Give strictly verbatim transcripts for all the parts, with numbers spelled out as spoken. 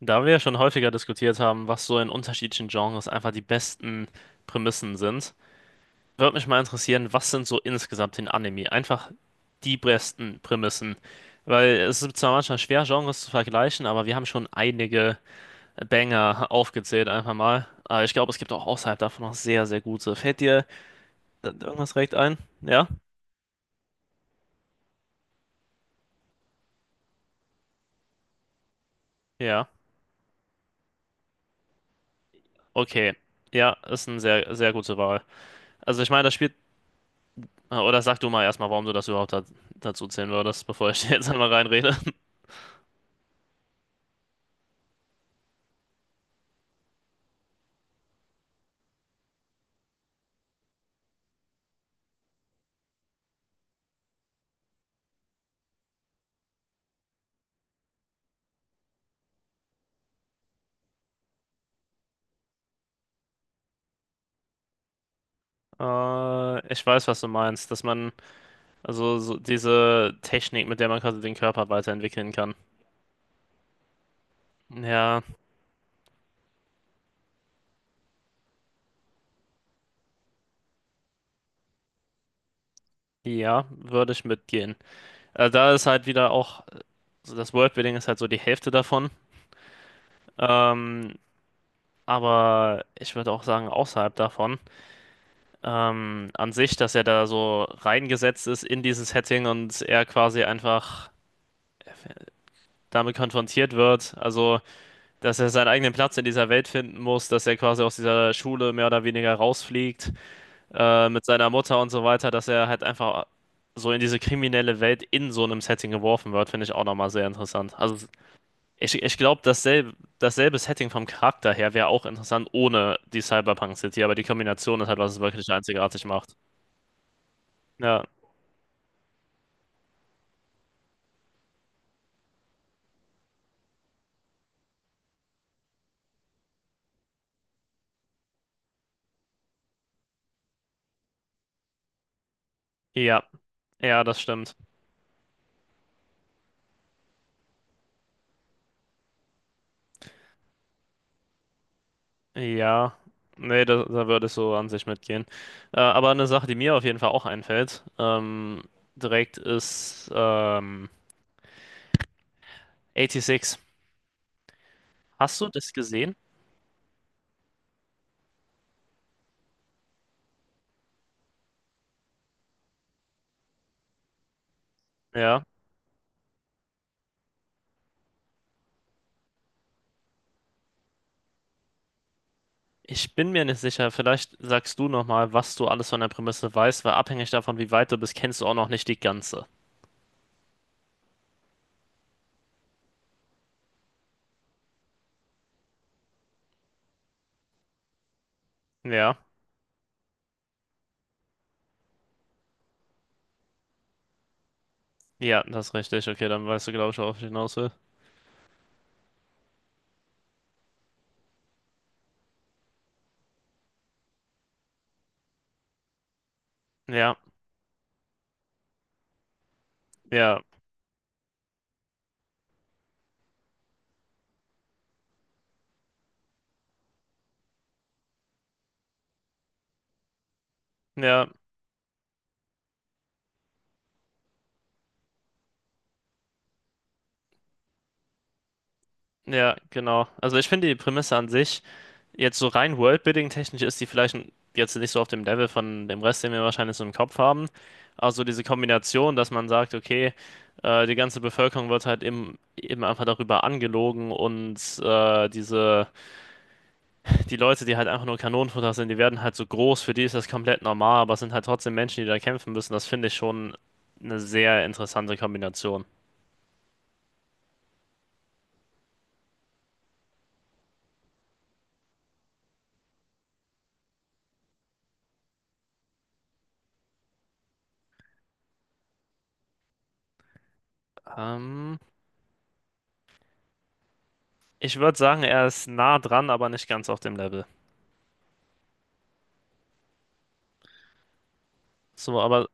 Da wir ja schon häufiger diskutiert haben, was so in unterschiedlichen Genres einfach die besten Prämissen sind, würde mich mal interessieren, was sind so insgesamt in Anime einfach die besten Prämissen? Weil es ist zwar manchmal schwer, Genres zu vergleichen, aber wir haben schon einige Banger aufgezählt einfach mal. Aber ich glaube, es gibt auch außerhalb davon noch sehr, sehr gute. Fällt dir da irgendwas direkt ein? Ja? Ja. Okay. Ja, ist eine sehr, sehr gute Wahl. Also ich meine, das spielt. Äh, Oder sag du mal erstmal, warum du das überhaupt da dazu zählen würdest, bevor ich jetzt einmal reinrede. Äh, ich weiß, was du meinst, dass man, also so diese Technik, mit der man quasi den Körper weiterentwickeln kann. Ja, ja, würde ich mitgehen. Äh, da ist halt wieder auch, also das Worldbuilding ist halt so die Hälfte davon. Ähm, aber ich würde auch sagen, außerhalb davon, ähm, an sich, dass er da so reingesetzt ist in dieses Setting und er quasi einfach damit konfrontiert wird. Also, dass er seinen eigenen Platz in dieser Welt finden muss, dass er quasi aus dieser Schule mehr oder weniger rausfliegt, äh, mit seiner Mutter und so weiter, dass er halt einfach so in diese kriminelle Welt in so einem Setting geworfen wird, finde ich auch nochmal sehr interessant. Also ich, ich glaube, dasselbe, dasselbe Setting vom Charakter her wäre auch interessant ohne die Cyberpunk City, aber die Kombination ist halt, was es wirklich einzigartig macht. Ja, ja, ja, das stimmt. Ja, nee, da, da würde ich so an sich mitgehen. Äh, aber eine Sache, die mir auf jeden Fall auch einfällt, ähm, direkt ist ähm, eighty six. Hast du das gesehen? Ja. Ich bin mir nicht sicher. Vielleicht sagst du nochmal, was du alles von der Prämisse weißt, weil abhängig davon, wie weit du bist, kennst du auch noch nicht die ganze. Ja. Ja, das ist richtig. Okay, dann weißt du, glaube ich, worauf ich hinaus will. Ja, ja, ja, ja, genau. Also ich finde die Prämisse an sich. Jetzt so rein Worldbuilding-technisch ist die vielleicht jetzt nicht so auf dem Level von dem Rest, den wir wahrscheinlich so im Kopf haben. Also diese Kombination, dass man sagt, okay, äh, die ganze Bevölkerung wird halt eben, eben einfach darüber angelogen und äh, diese, die Leute, die halt einfach nur Kanonenfutter sind, die werden halt so groß, für die ist das komplett normal, aber es sind halt trotzdem Menschen, die da kämpfen müssen. Das finde ich schon eine sehr interessante Kombination. Ähm, Ich würde sagen, er ist nah dran, aber nicht ganz auf dem Level. So, aber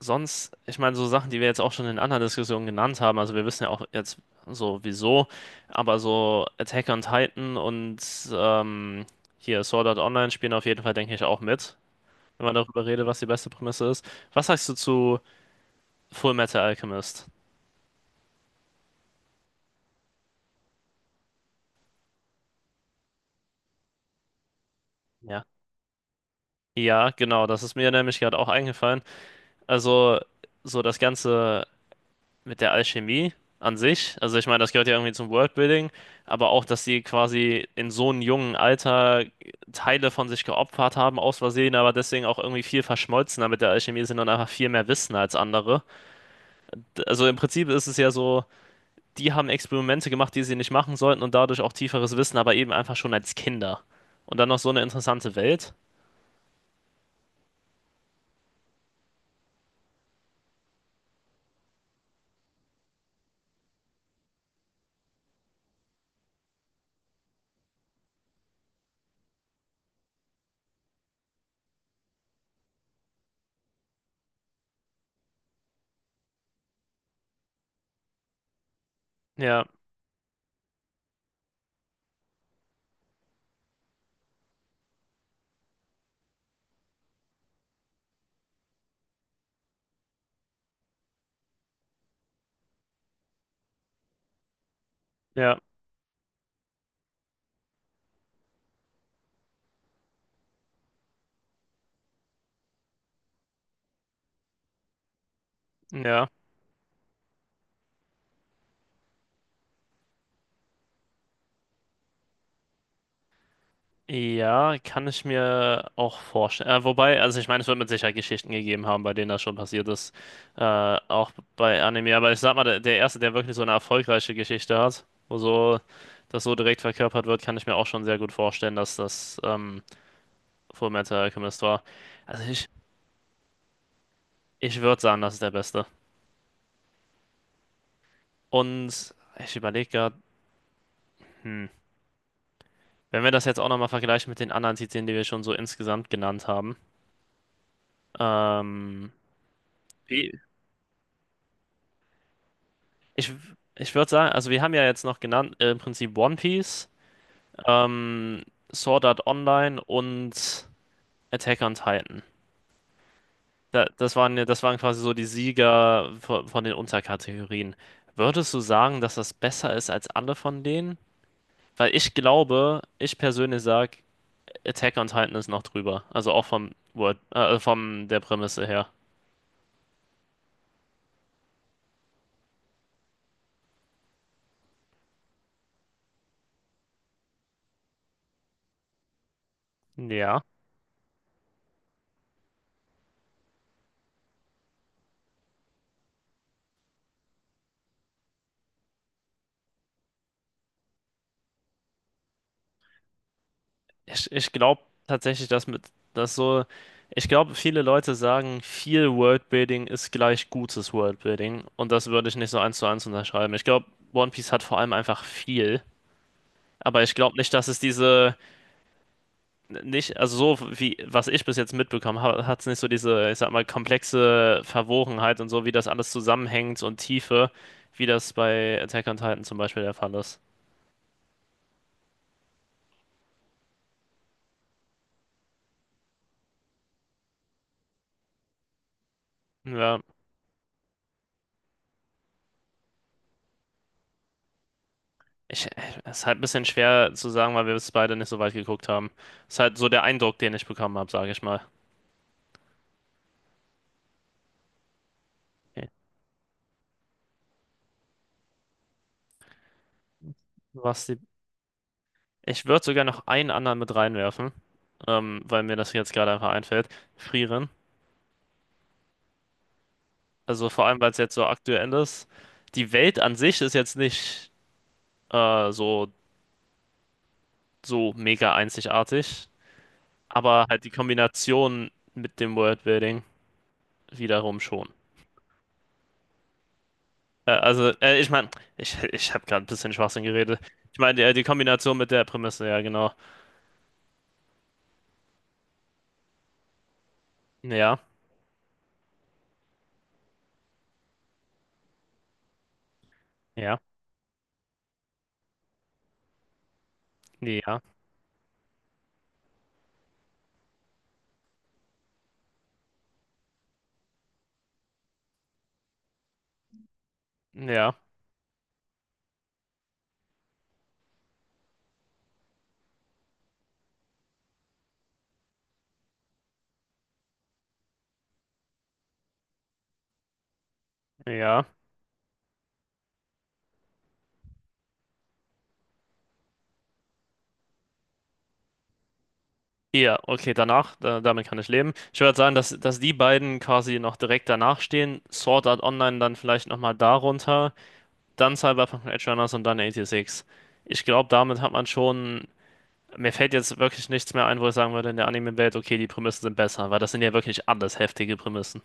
sonst, ich meine, so Sachen, die wir jetzt auch schon in anderen Diskussionen genannt haben, also wir wissen ja auch jetzt so wieso, aber so Attack on Titan und ähm, hier Sword Art Online spielen auf jeden Fall, denke ich, auch mit, wenn man darüber redet, was die beste Prämisse ist. Was sagst du zu Full Metal Alchemist? Ja. Ja, genau, das ist mir nämlich gerade auch eingefallen. Also, so das ganze mit der Alchemie an sich. Also ich meine, das gehört ja irgendwie zum Worldbuilding, aber auch, dass sie quasi in so einem jungen Alter Teile von sich geopfert haben, aus Versehen, aber deswegen auch irgendwie viel verschmolzener mit der Alchemie sind und einfach viel mehr wissen als andere. D- Also im Prinzip ist es ja so, die haben Experimente gemacht, die sie nicht machen sollten und dadurch auch tieferes Wissen, aber eben einfach schon als Kinder. Und dann noch so eine interessante Welt. Ja, ja, ja. Ja, kann ich mir auch vorstellen. Äh, wobei, also ich meine, es wird mit Sicherheit Geschichten gegeben haben, bei denen das schon passiert ist. Äh, auch bei Anime. Aber ich sag mal, der, der erste, der wirklich so eine erfolgreiche Geschichte hat, wo so das so direkt verkörpert wird, kann ich mir auch schon sehr gut vorstellen, dass das ähm, Fullmetal Alchemist war. Also ich, ich würde sagen, das ist der beste. Und ich überlege gerade, hm, wenn wir das jetzt auch nochmal vergleichen mit den anderen Titeln, die wir schon so insgesamt genannt haben, ähm, Be- Ich, ich würde sagen, also wir haben ja jetzt noch genannt, äh, im Prinzip One Piece, ähm, Sword Art Online und Attack on Titan. Da, das waren, ja- das waren quasi so die Sieger von, von den Unterkategorien. Würdest du sagen, dass das besser ist als alle von denen? Weil ich glaube, ich persönlich sage, Attack on Titan ist noch drüber. Also auch vom Word, äh, vom der Prämisse her. Ja. Ich, ich glaube tatsächlich, dass mit das so, ich glaube, viele Leute sagen, viel Worldbuilding ist gleich gutes Worldbuilding und das würde ich nicht so eins zu eins unterschreiben. Ich glaube, One Piece hat vor allem einfach viel, aber ich glaube nicht, dass es diese nicht, also so wie was ich bis jetzt mitbekommen habe, hat es nicht so diese, ich sag mal, komplexe Verwogenheit und so, wie das alles zusammenhängt und Tiefe, wie das bei Attack on Titan zum Beispiel der Fall ist. Ja. Ich, äh, Es ist halt ein bisschen schwer zu sagen, weil wir es beide nicht so weit geguckt haben. Ist halt so der Eindruck, den ich bekommen habe, sage ich mal. Okay. Was die, Ich würde sogar noch einen anderen mit reinwerfen, ähm, weil mir das jetzt gerade einfach einfällt. Frieren. Also vor allem, weil es jetzt so aktuell ist. Die Welt an sich ist jetzt nicht äh, so, so mega einzigartig, aber halt die Kombination mit dem Worldbuilding wiederum schon. Äh, also, äh, ich meine, ich, ich habe gerade ein bisschen Schwachsinn geredet. Ich meine, die, äh, die Kombination mit der Prämisse, ja, genau. Ja, ja, ja, ja, ja. Ja, okay, danach, da, damit kann ich leben. Ich würde sagen, dass, dass die beiden quasi noch direkt danach stehen. Sword Art Online dann vielleicht nochmal darunter, dann Cyberpunk Edge Runners und dann sechsundachtzig. Ich glaube, damit hat man schon. Mir fällt jetzt wirklich nichts mehr ein, wo ich sagen würde, in der Anime-Welt, okay, die Prämissen sind besser, weil das sind ja wirklich alles heftige Prämissen.